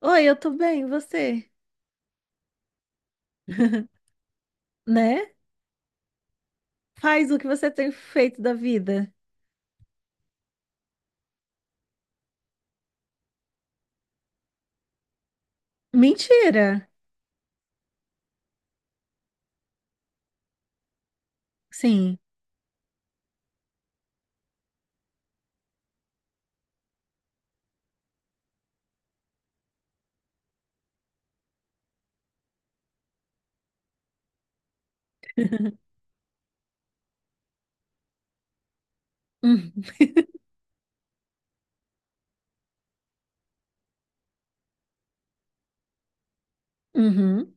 Oi, eu tô bem, e você? Né? Faz o que você tem feito da vida. Mentira! Sim. Uhum. Uhum.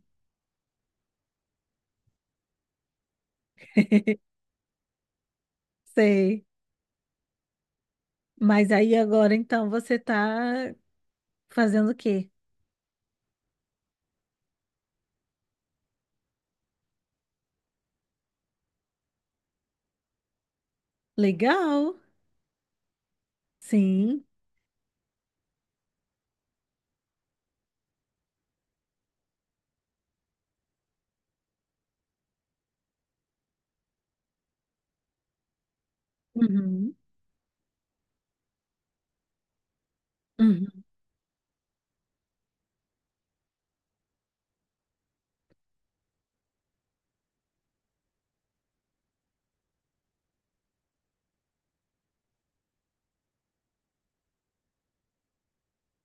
Sei. Mas aí agora então você tá fazendo o quê? Legal. Sim. Uhum. Uhum.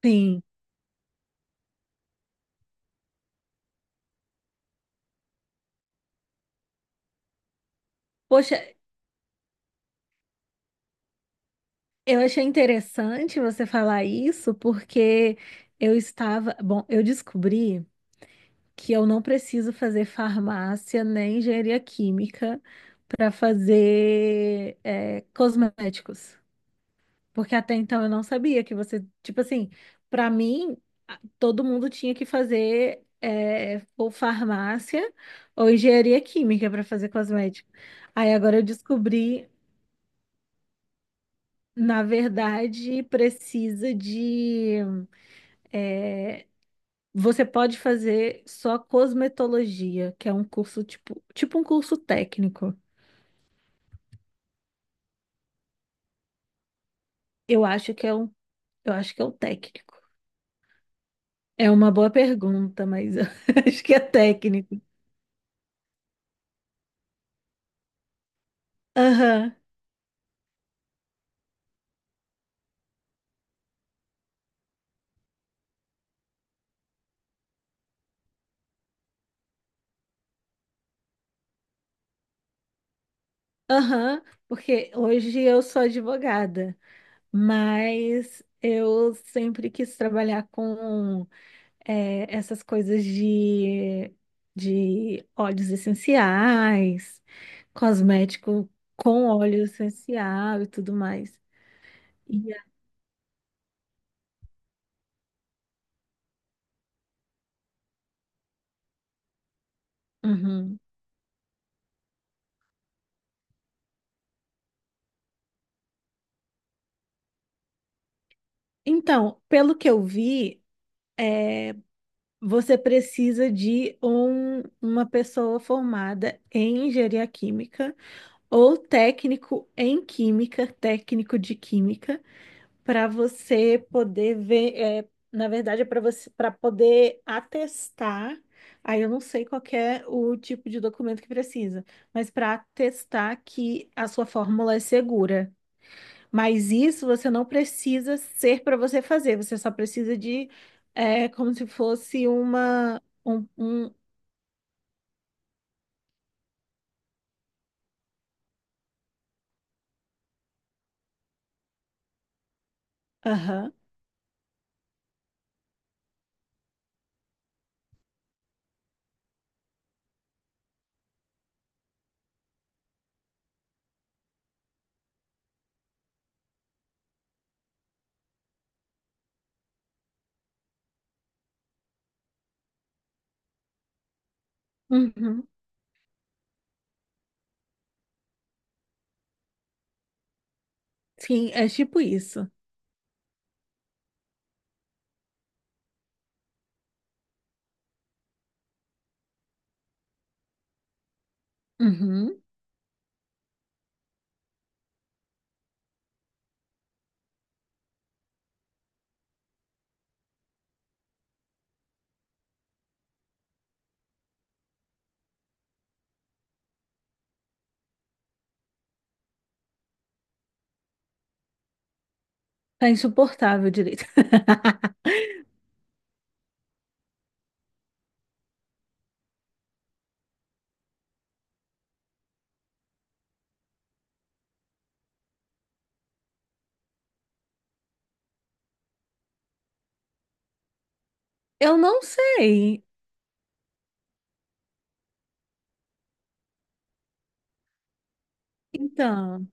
Sim. Poxa, eu achei interessante você falar isso porque eu estava, bom, eu descobri que eu não preciso fazer farmácia nem engenharia química para fazer cosméticos. Porque até então eu não sabia que você, tipo assim, para mim, todo mundo tinha que fazer ou farmácia ou engenharia química para fazer cosmético. Aí agora eu descobri, na verdade, precisa de eh, você pode fazer só cosmetologia, que é um curso tipo um curso técnico. Eu acho que é um, eu acho que é o técnico. É uma boa pergunta, mas eu acho que é técnico. Aham, aham, porque hoje eu sou advogada, mas eu sempre quis trabalhar com essas coisas de óleos essenciais, cosmético com óleo essencial e tudo mais. E a- Uhum. Então, pelo que eu vi, você precisa de uma pessoa formada em engenharia química ou técnico em química, técnico de química, para você poder ver, na verdade, para poder atestar. Aí eu não sei qual que é o tipo de documento que precisa, mas para atestar que a sua fórmula é segura. Mas isso você não precisa ser para você fazer, você só precisa de, como se fosse um, aham, uhum. Sim, é tipo isso. Uhum. Tá insuportável direito. Eu não sei. Então,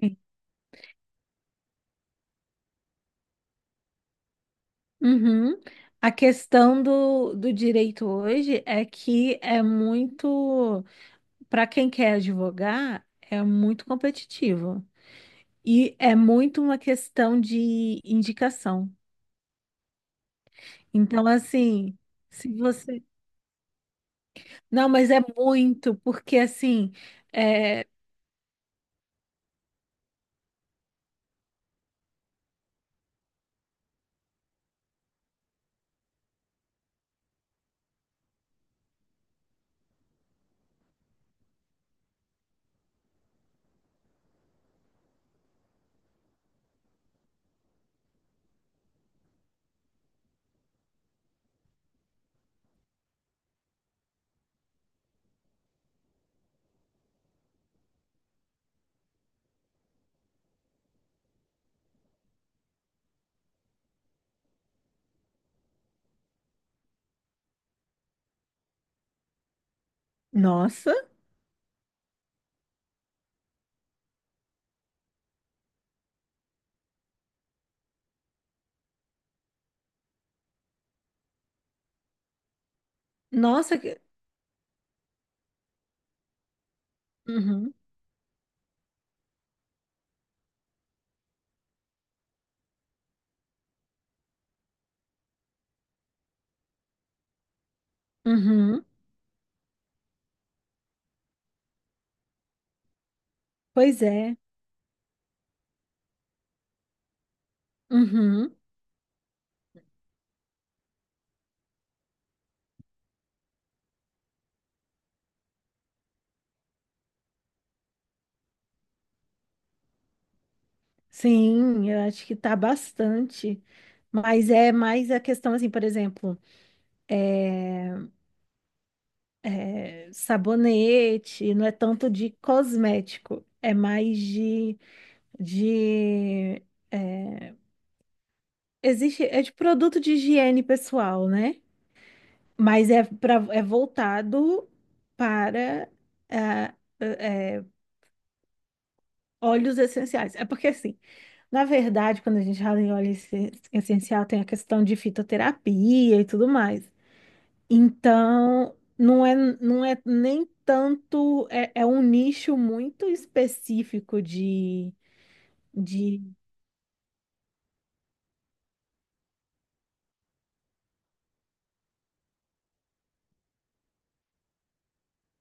sim. Uhum. A questão do, do direito hoje é que é muito, para quem quer advogar, é muito competitivo. E é muito uma questão de indicação. Então, assim, se você. Não, mas é muito, porque assim. É... Nossa, nossa. Que- Uhum, uhum, pois é. Uhum. Sim, eu acho que tá bastante. Mas é mais a questão, assim, por exemplo, é, é sabonete, não é tanto de cosmético, é mais de, é, existe, é de produto de higiene pessoal, né? Mas é, é voltado para ah, eh, eh, óleos essenciais. É porque, assim, na verdade, quando a gente fala em essencial, tem a questão de fitoterapia e tudo mais. Então, não é nem tanto. É, é um nicho muito específico de.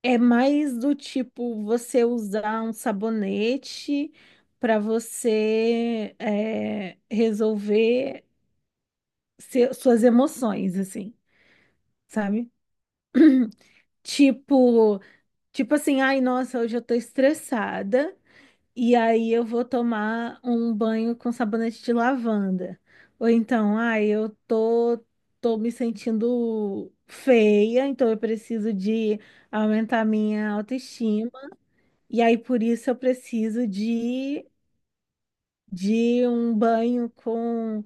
É mais do tipo você usar um sabonete para você resolver suas emoções, assim, sabe? Tipo, tipo assim, ai, nossa, hoje eu tô estressada e aí eu vou tomar um banho com sabonete de lavanda. Ou então, ai, tô me sentindo feia, então eu preciso de aumentar minha autoestima. E aí por isso eu preciso de um banho com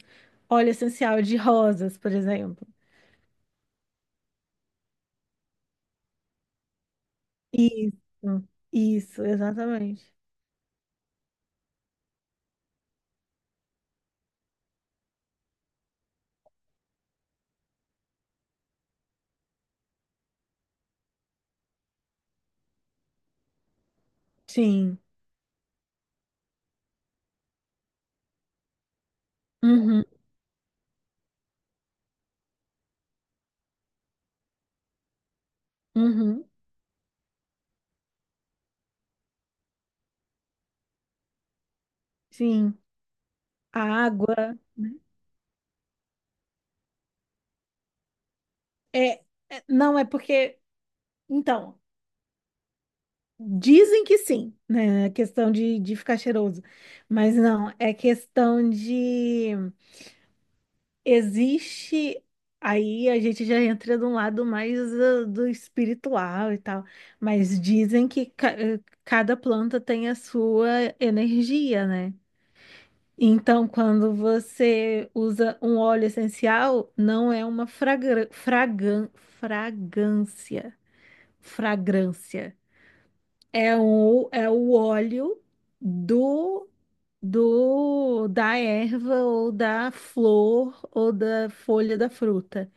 óleo essencial de rosas, por exemplo. Isso, isso, exatamente. Sim. Uhum, uhum, sim. A água, né? É, não é porque, então, dizem que sim, né? A questão de ficar cheiroso. Mas não, é questão de existe aí a gente já entra de um lado mais do, do espiritual e tal, mas dizem que cada planta tem a sua energia, né? Então, quando você usa um óleo essencial, não é uma fragra fragan fragância fragrância. É o óleo do, do da erva ou da flor ou da folha da fruta.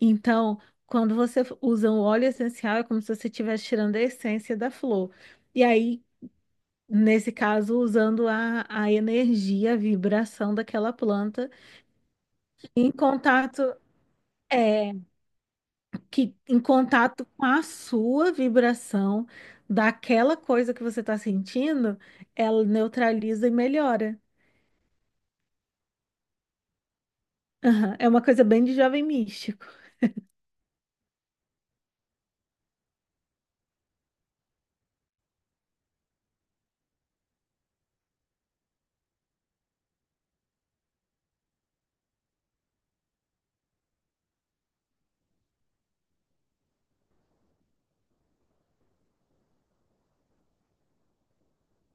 Então, quando você usa um óleo essencial, é como se você estivesse tirando a essência da flor. E aí, nesse caso, usando a energia, a vibração daquela planta em contato, é, que em contato com a sua vibração daquela coisa que você está sentindo, ela neutraliza e melhora. Aham, é uma coisa bem de jovem místico.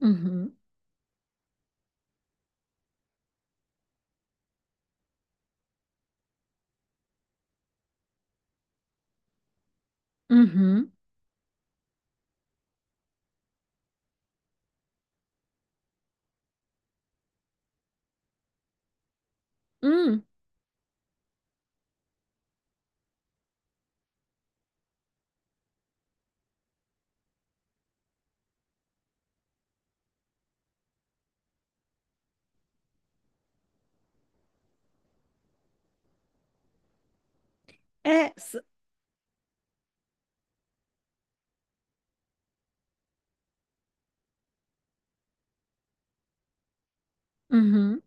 Uhum, uhum, hum, é, s- uhum,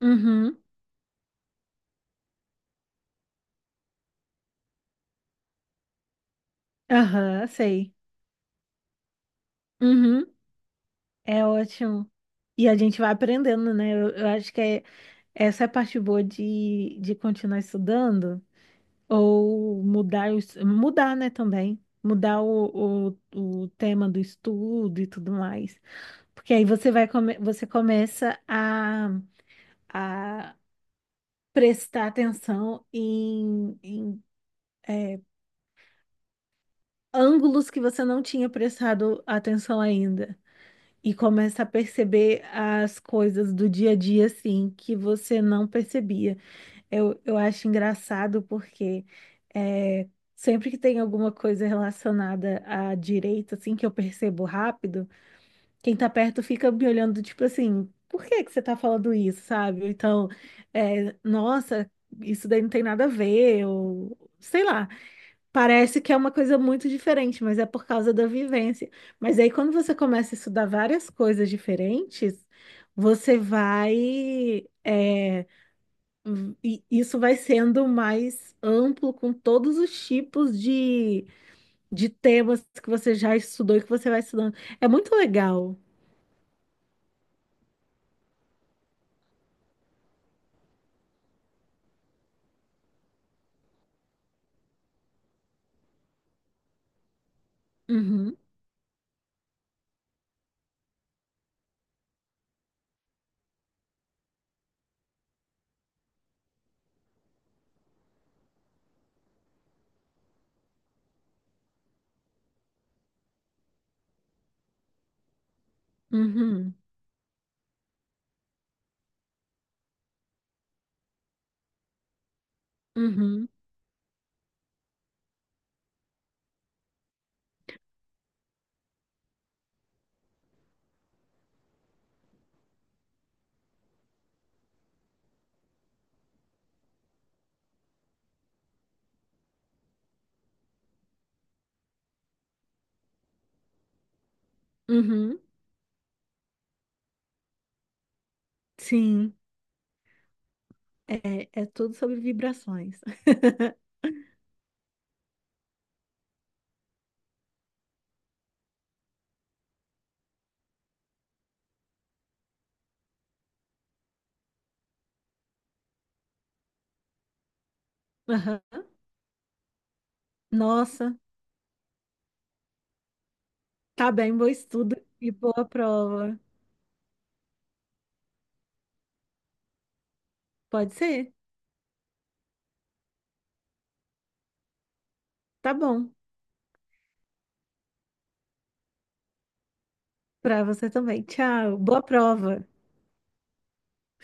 uhum, aham, sei. Uhum, é ótimo. E a gente vai aprendendo, né? Eu acho que essa é a parte boa de continuar estudando. Ou mudar, o mudar, né, também. Mudar o tema do estudo e tudo mais. Porque aí você começa a prestar atenção em é, ângulos que você não tinha prestado atenção ainda. E começa a perceber as coisas do dia a dia, assim, que você não percebia. Eu acho engraçado porque é, sempre que tem alguma coisa relacionada à direita, assim, que eu percebo rápido, quem tá perto fica me olhando, tipo assim, por que que você tá falando isso, sabe? Ou então, nossa, isso daí não tem nada a ver, ou sei lá. Parece que é uma coisa muito diferente, mas é por causa da vivência. Mas aí, quando você começa a estudar várias coisas diferentes, você vai. é, e isso vai sendo mais amplo com todos os tipos de temas que você já estudou e que você vai estudando. É muito legal. Uhum, uhum, uhum, uhum. Sim, é tudo sobre vibrações. Aham. Nossa, tá bem, bom estudo e boa prova. Pode ser? Tá bom. Pra você também. Tchau, boa prova.